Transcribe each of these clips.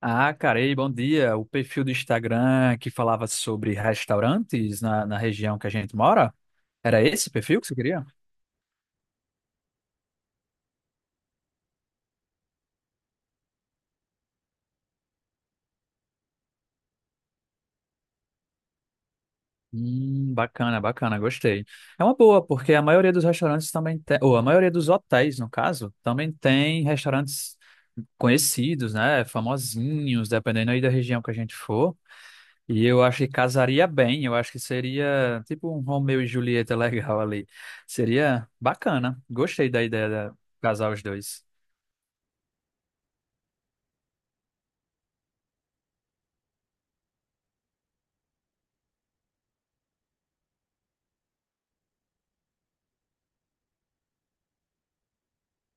Ah, cara, ei, bom dia. O perfil do Instagram que falava sobre restaurantes na região que a gente mora, era esse perfil que você queria? Bacana, bacana, gostei. É uma boa, porque a maioria dos restaurantes também tem, ou a maioria dos hotéis, no caso, também tem restaurantes conhecidos, né? Famosinhos, dependendo aí da região que a gente for. E eu acho que casaria bem, eu acho que seria tipo um Romeu e Julieta legal ali. Seria bacana. Gostei da ideia de casar os dois.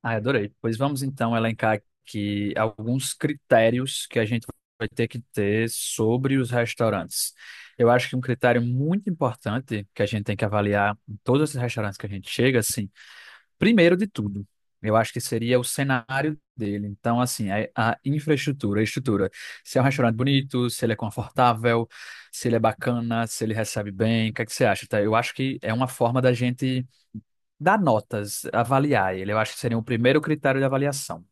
Ah, adorei. Pois vamos então elencar aqui alguns critérios que a gente vai ter que ter sobre os restaurantes. Eu acho que um critério muito importante que a gente tem que avaliar em todos esses restaurantes que a gente chega, assim, primeiro de tudo, eu acho que seria o cenário dele. Então, assim, a infraestrutura, a estrutura. Se é um restaurante bonito, se ele é confortável, se ele é bacana, se ele recebe bem, o que é que você acha, tá? Eu acho que é uma forma da gente dar notas, avaliar ele, eu acho que seria o primeiro critério de avaliação.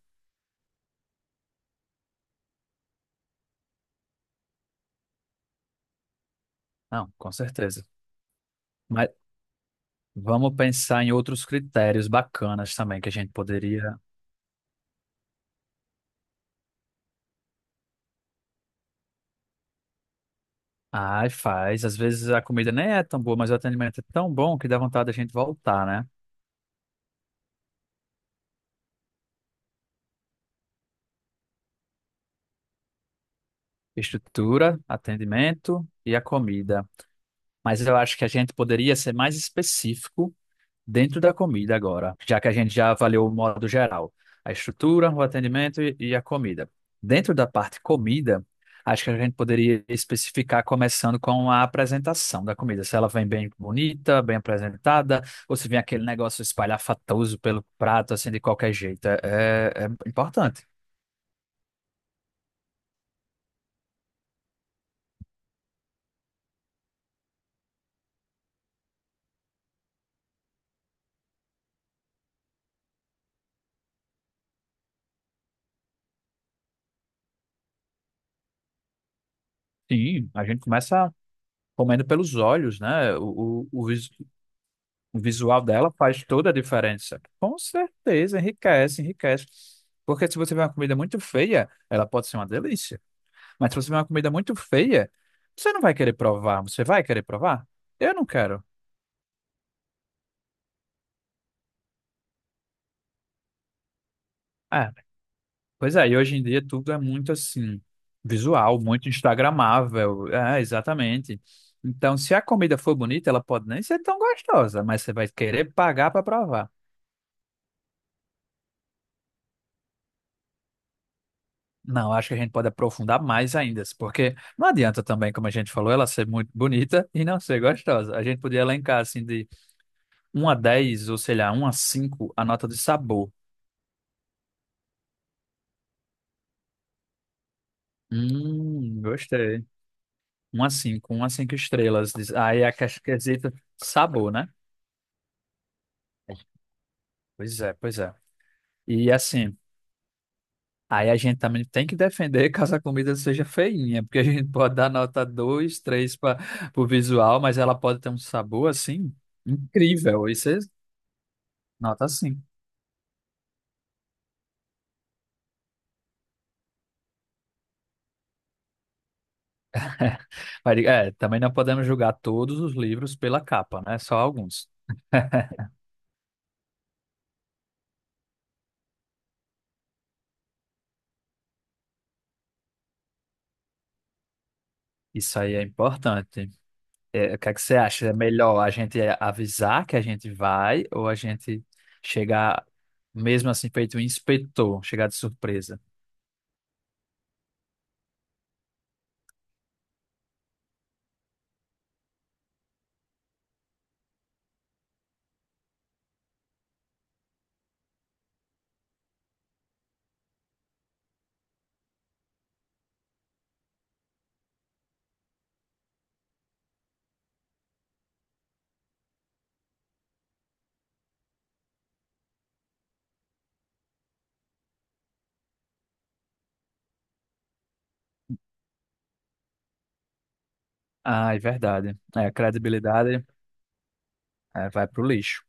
Não, com certeza. Mas vamos pensar em outros critérios bacanas também que a gente poderia. Ai, faz. Às vezes a comida nem é tão boa, mas o atendimento é tão bom que dá vontade da gente voltar, né? Estrutura, atendimento e a comida. Mas eu acho que a gente poderia ser mais específico dentro da comida agora, já que a gente já avaliou o modo geral, a estrutura, o atendimento e a comida. Dentro da parte comida, acho que a gente poderia especificar começando com a apresentação da comida, se ela vem bem bonita, bem apresentada, ou se vem aquele negócio espalhafatoso pelo prato, assim, de qualquer jeito. É importante. Sim, a gente começa comendo pelos olhos, né? O visual dela faz toda a diferença. Com certeza, enriquece, enriquece. Porque se você vê uma comida muito feia, ela pode ser uma delícia. Mas se você vê uma comida muito feia, você não vai querer provar. Você vai querer provar? Eu não quero. Ah, pois é, e hoje em dia tudo é muito assim, visual, muito instagramável. É, exatamente. Então, se a comida for bonita, ela pode nem ser tão gostosa, mas você vai querer pagar para provar. Não, acho que a gente pode aprofundar mais ainda, porque não adianta também, como a gente falou, ela ser muito bonita e não ser gostosa. A gente podia elencar assim de um a 10, ou sei lá, 1 a cinco, a nota de sabor. Gostei. Um a cinco estrelas. Aí a quesito, sabor, né? Pois é, pois é. E assim, aí a gente também tem que defender caso a comida seja feinha, porque a gente pode dar nota 2, 3 para o visual, mas ela pode ter um sabor assim incrível. Isso é nota 5. Mas, é, também não podemos julgar todos os livros pela capa, né? Só alguns. Isso aí é importante. É, o que é que você acha? É melhor a gente avisar que a gente vai ou a gente chegar, mesmo assim, feito um inspetor, chegar de surpresa? Ah, é verdade. É, a credibilidade, é, vai pro lixo.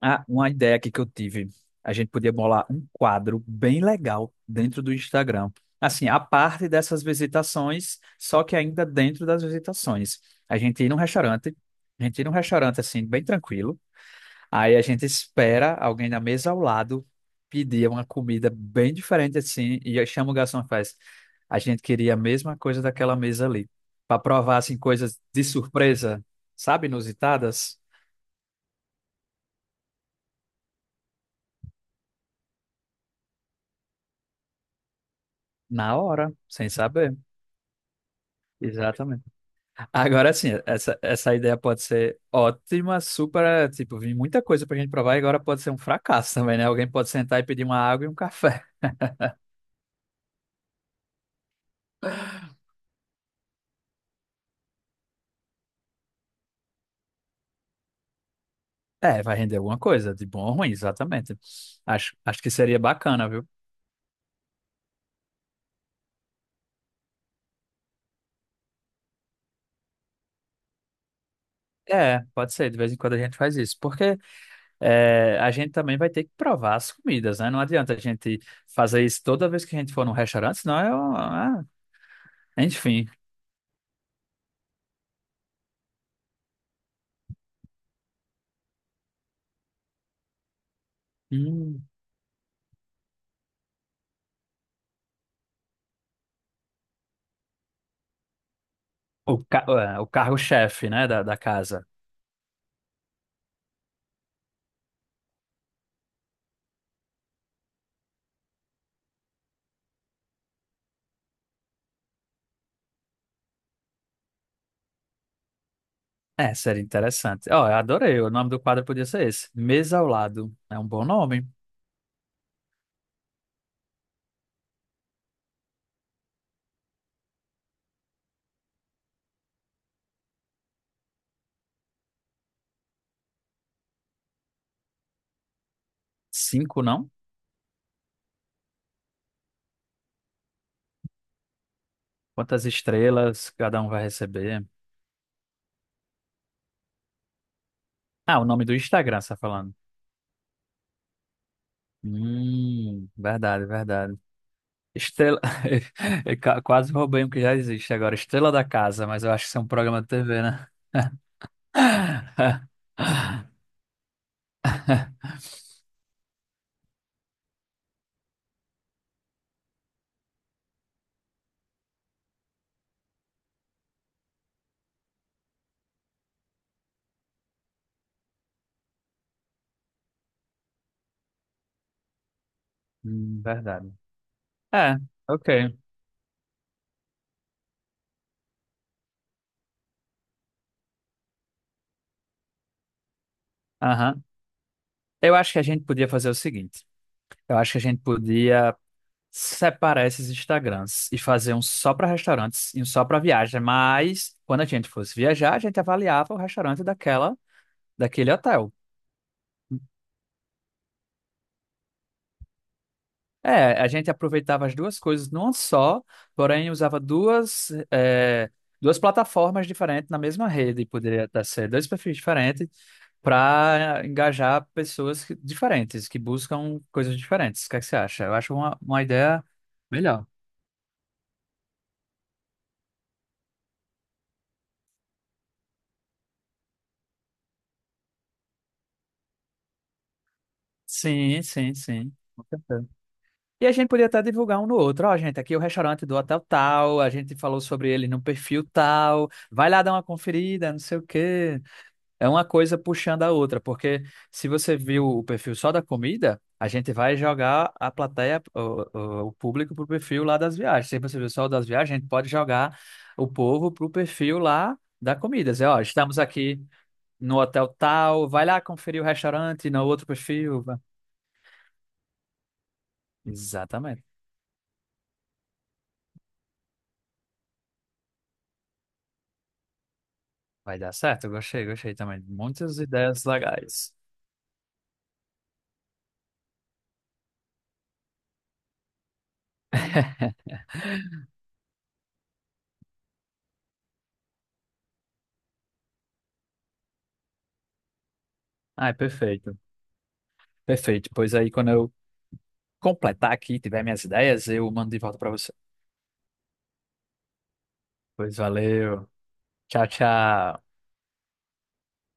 Ah, uma ideia aqui que eu tive. A gente podia bolar um quadro bem legal dentro do Instagram. Assim, a parte dessas visitações, só que ainda dentro das visitações. A gente ir num restaurante, a gente ir num restaurante assim, bem tranquilo. Aí a gente espera alguém na mesa ao lado pedir uma comida bem diferente assim, e aí chama o garçom e faz. A gente queria a mesma coisa daquela mesa ali. Para provar assim, coisas de surpresa, sabe, inusitadas, na hora, sem saber. Exatamente. Agora sim, essa ideia pode ser ótima, super, tipo, vem muita coisa pra gente provar e agora pode ser um fracasso também, né? Alguém pode sentar e pedir uma água e um café. É, vai render alguma coisa, de bom ou ruim, exatamente. Acho que seria bacana, viu? É, pode ser, de vez em quando a gente faz isso, porque é, a gente também vai ter que provar as comidas, né? Não adianta a gente fazer isso toda vez que a gente for num restaurante, senão é, enfim. Hum, o cargo-chefe, né, da casa. É, seria interessante. Ó, eu adorei. O nome do quadro podia ser esse. Mesa ao lado. É um bom nome. Cinco, não? Quantas estrelas cada um vai receber? Ah, o nome do Instagram, você tá falando. Verdade, verdade. Estrela. Eu quase roubei um que já existe agora. Estrela da Casa, mas eu acho que isso é um programa de TV, né? Verdade. É, ok. Aham. Eu acho que a gente podia fazer o seguinte. Eu acho que a gente podia separar esses Instagrams e fazer um só para restaurantes e um só para viagem, mas quando a gente fosse viajar, a gente avaliava o restaurante daquela, daquele hotel. É, a gente aproveitava as duas coisas numa só, porém usava duas plataformas diferentes na mesma rede, poderia até ser dois perfis diferentes para engajar pessoas diferentes, que buscam coisas diferentes. O que é que você acha? Eu acho uma ideia melhor. Sim, sim, sim. E a gente podia até divulgar um no outro. Ó, gente, aqui é o restaurante do hotel tal, a gente falou sobre ele no perfil tal, vai lá dar uma conferida, não sei o quê. É uma coisa puxando a outra, porque se você viu o perfil só da comida, a gente vai jogar a plateia, o público pro perfil lá das viagens. Se você viu só o das viagens, a gente pode jogar o povo pro perfil lá da comida. Dizer, ó, estamos aqui no hotel tal, vai lá conferir o restaurante no outro perfil. Exatamente. Vai dar certo, gostei, gostei também. Muitas ideias legais. Ah, é perfeito, perfeito. Pois aí, quando eu completar aqui, tiver minhas ideias, eu mando de volta para você. Pois valeu. Tchau, tchau.